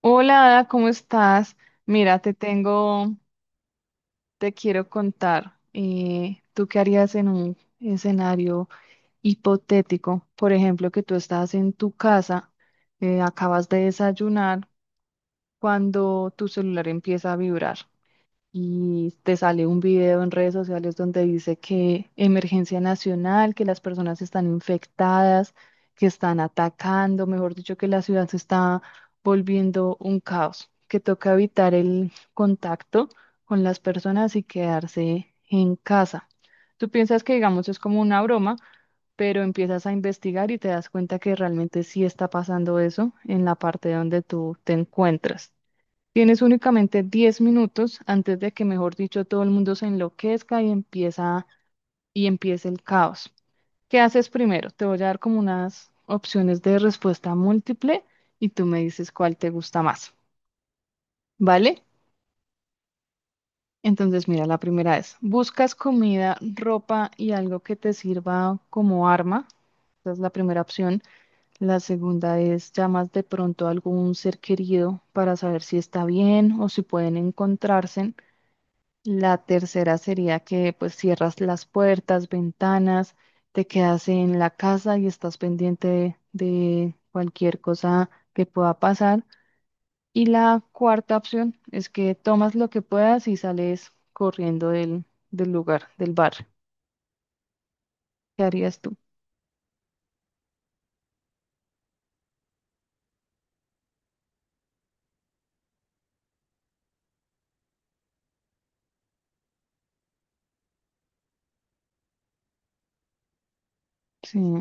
Hola, Ada, ¿cómo estás? Mira, te tengo, te quiero contar, ¿tú qué harías en un escenario hipotético? Por ejemplo, que tú estás en tu casa, acabas de desayunar, cuando tu celular empieza a vibrar y te sale un video en redes sociales donde dice que emergencia nacional, que las personas están infectadas, que están atacando, mejor dicho, que la ciudad se está volviendo un caos, que toca evitar el contacto con las personas y quedarse en casa. Tú piensas que, digamos, es como una broma, pero empiezas a investigar y te das cuenta que realmente sí está pasando eso en la parte donde tú te encuentras. Tienes únicamente 10 minutos antes de que, mejor dicho, todo el mundo se enloquezca y empieza y empiece el caos. ¿Qué haces primero? Te voy a dar como unas opciones de respuesta múltiple y tú me dices cuál te gusta más, ¿vale? Entonces, mira, la primera es, ¿buscas comida, ropa y algo que te sirva como arma? Esa es la primera opción. La segunda es, ¿llamas de pronto a algún ser querido para saber si está bien o si pueden encontrarse? La tercera sería que pues cierras las puertas, ventanas, te quedas en la casa y estás pendiente de cualquier cosa que pueda pasar. Y la cuarta opción es que tomas lo que puedas y sales corriendo del, del lugar, del bar. ¿Qué harías tú? Sí. O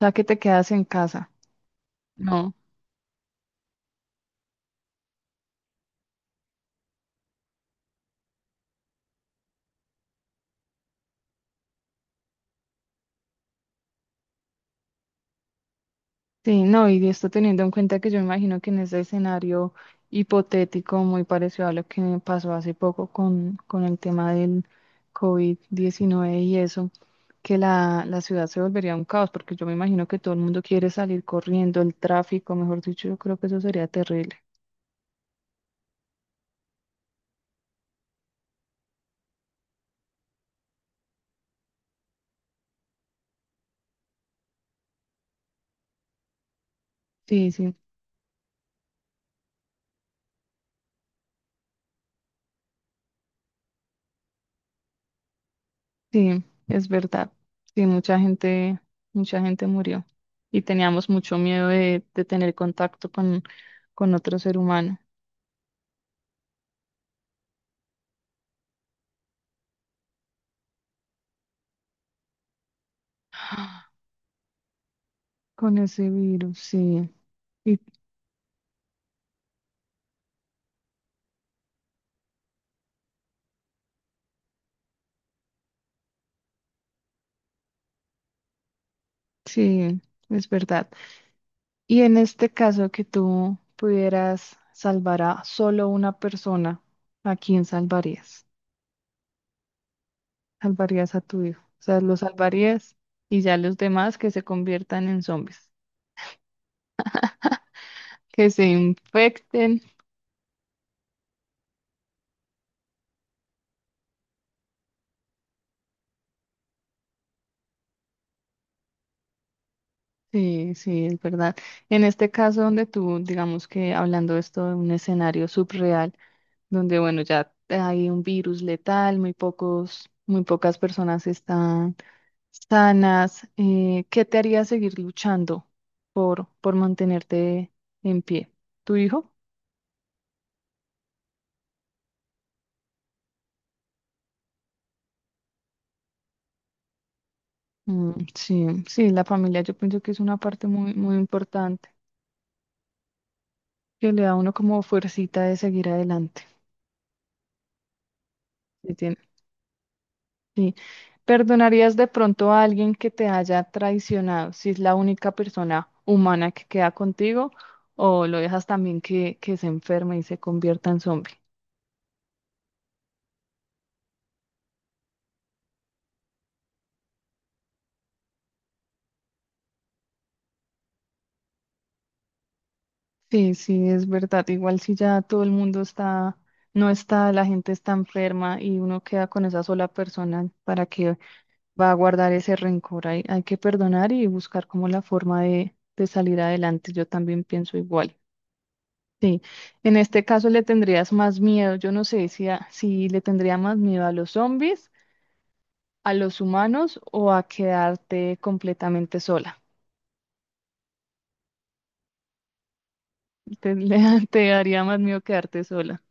sea, que te quedas en casa. No. Sí, no, y esto teniendo en cuenta que yo imagino que en ese escenario hipotético muy parecido a lo que me pasó hace poco con el tema del COVID-19 y eso, que la ciudad se volvería un caos, porque yo me imagino que todo el mundo quiere salir corriendo, el tráfico, mejor dicho, yo creo que eso sería terrible. Sí, sí, sí, es verdad. Sí, mucha gente murió y teníamos mucho miedo de tener contacto con otro ser humano. Con ese virus, sí, y, sí, es verdad. Y en este caso que tú pudieras salvar a solo una persona, ¿a quién salvarías? Salvarías a tu hijo. O sea, lo salvarías y ya los demás que se conviertan en zombies, que se infecten. Sí, sí, es verdad. En este caso donde tú, digamos que hablando esto de un escenario subreal, donde bueno, ya hay un virus letal, muy pocos, muy pocas personas están sanas. ¿Qué te haría seguir luchando por mantenerte en pie? ¿Tu hijo? Mm, sí, sí, la familia yo pienso que es una parte muy, muy importante que le da a uno como fuercita de seguir adelante. Sí, Sí. ¿Perdonarías de pronto a alguien que te haya traicionado si es la única persona humana que queda contigo o lo dejas también que se enferme y se convierta en zombie? Sí, sí, es verdad. Igual si ya todo el mundo está, no está, la gente está enferma y uno queda con esa sola persona, ¿para que va a guardar ese rencor? Hay que perdonar y buscar como la forma de salir adelante. Yo también pienso igual. Sí, en este caso le tendrías más miedo. Yo no sé si le tendría más miedo a los zombies, a los humanos o a quedarte completamente sola. Te, le- te daría más miedo quedarte sola.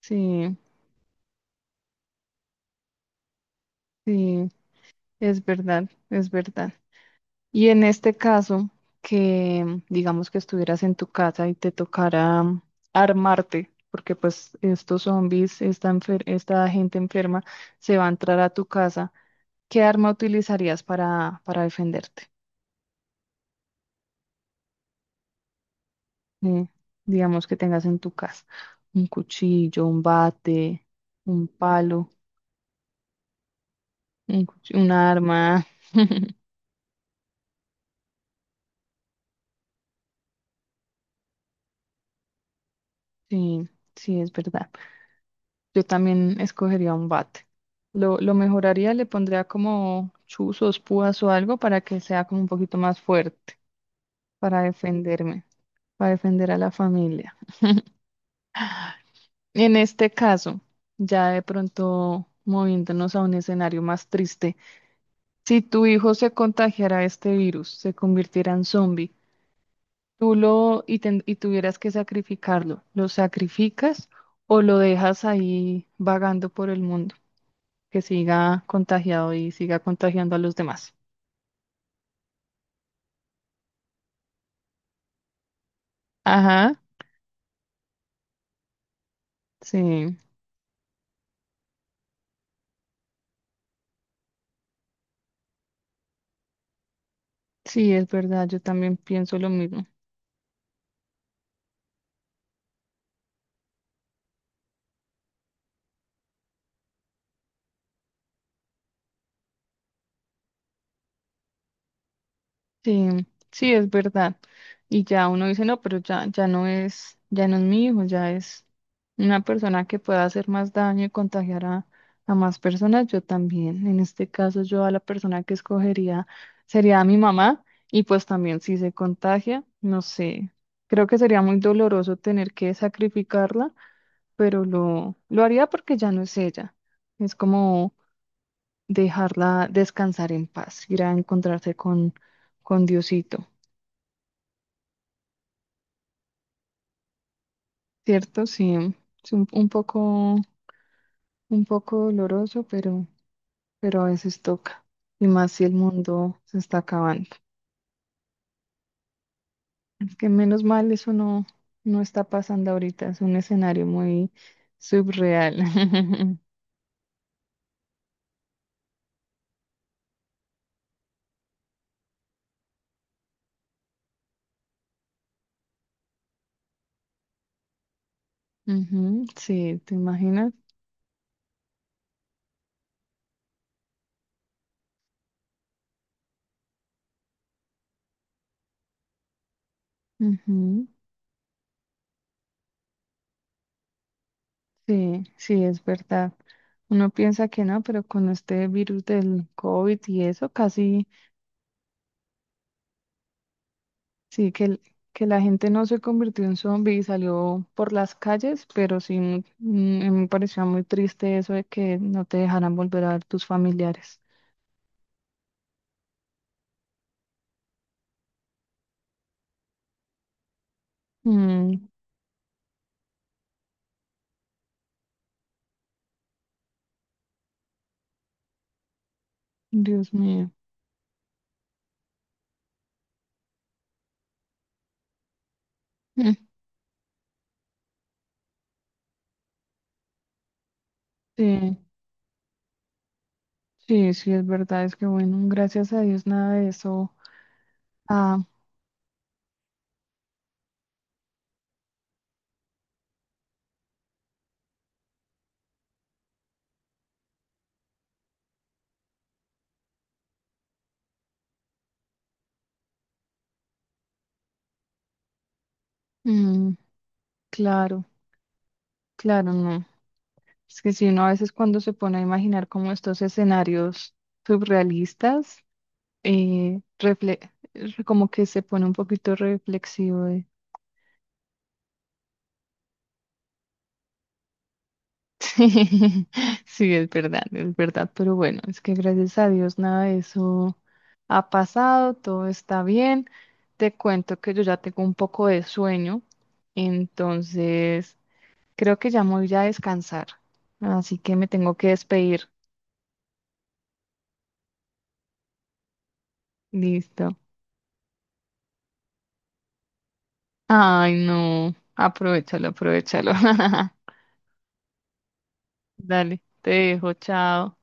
Sí, sí, es verdad, es verdad. Y en este caso, que digamos que estuvieras en tu casa y te tocara armarte, porque pues estos zombies, esta, enfer- esta gente enferma se va a entrar a tu casa. ¿Qué arma utilizarías para defenderte? Eh, digamos que tengas en tu casa un cuchillo, un bate, un palo, un, cuch- un arma. Sí, sí, es verdad. Yo también escogería un bate. Lo mejoraría, le pondría como chuzos, púas o algo para que sea como un poquito más fuerte para defenderme, para defender a la familia. En este caso, ya de pronto moviéndonos a un escenario más triste. Si tu hijo se contagiara de este virus, se convirtiera en zombie, tú y tuvieras que sacrificarlo, ¿lo sacrificas o lo dejas ahí vagando por el mundo, que siga contagiado y siga contagiando a los demás? Ajá, sí, sí, es verdad, yo también pienso lo mismo. Sí, sí, es verdad. Y ya uno dice, no, pero ya, ya no es mi hijo, ya es una persona que pueda hacer más daño y contagiar a más personas. Yo también, en este caso, yo a la persona que escogería sería a mi mamá y pues también si se contagia, no sé, creo que sería muy doloroso tener que sacrificarla, pero lo haría porque ya no es ella. Es como dejarla descansar en paz, ir a encontrarse con Diosito. Cierto, sí, es un poco doloroso, pero a veces toca. Y más si el mundo se está acabando. Es que menos mal eso no, no está pasando ahorita. Es un escenario muy subreal. Ujú, sí, ¿te imaginas? Ujú, sí, sí, es verdad. Uno piensa que no, pero con este virus del COVID y eso, casi sí, que la gente no se convirtió en zombie y salió por las calles, pero sí me pareció muy triste eso de que no te dejaran volver a ver tus familiares. Mm, Dios mío. Mm, sí, sí, sí, es verdad, es que bueno, gracias a Dios nada de eso. Ah, mm, claro, claro, no. Es que si uno a veces cuando se pone a imaginar como estos escenarios surrealistas, eh, refle- como que se pone un poquito reflexivo. Sí, es verdad, pero bueno, es que gracias a Dios nada de eso ha pasado, todo está bien. Te cuento que yo ya tengo un poco de sueño, entonces creo que ya me voy a descansar, así que me tengo que despedir. Listo. Ay, no, aprovechalo, aprovechalo. Dale, te dejo, chao.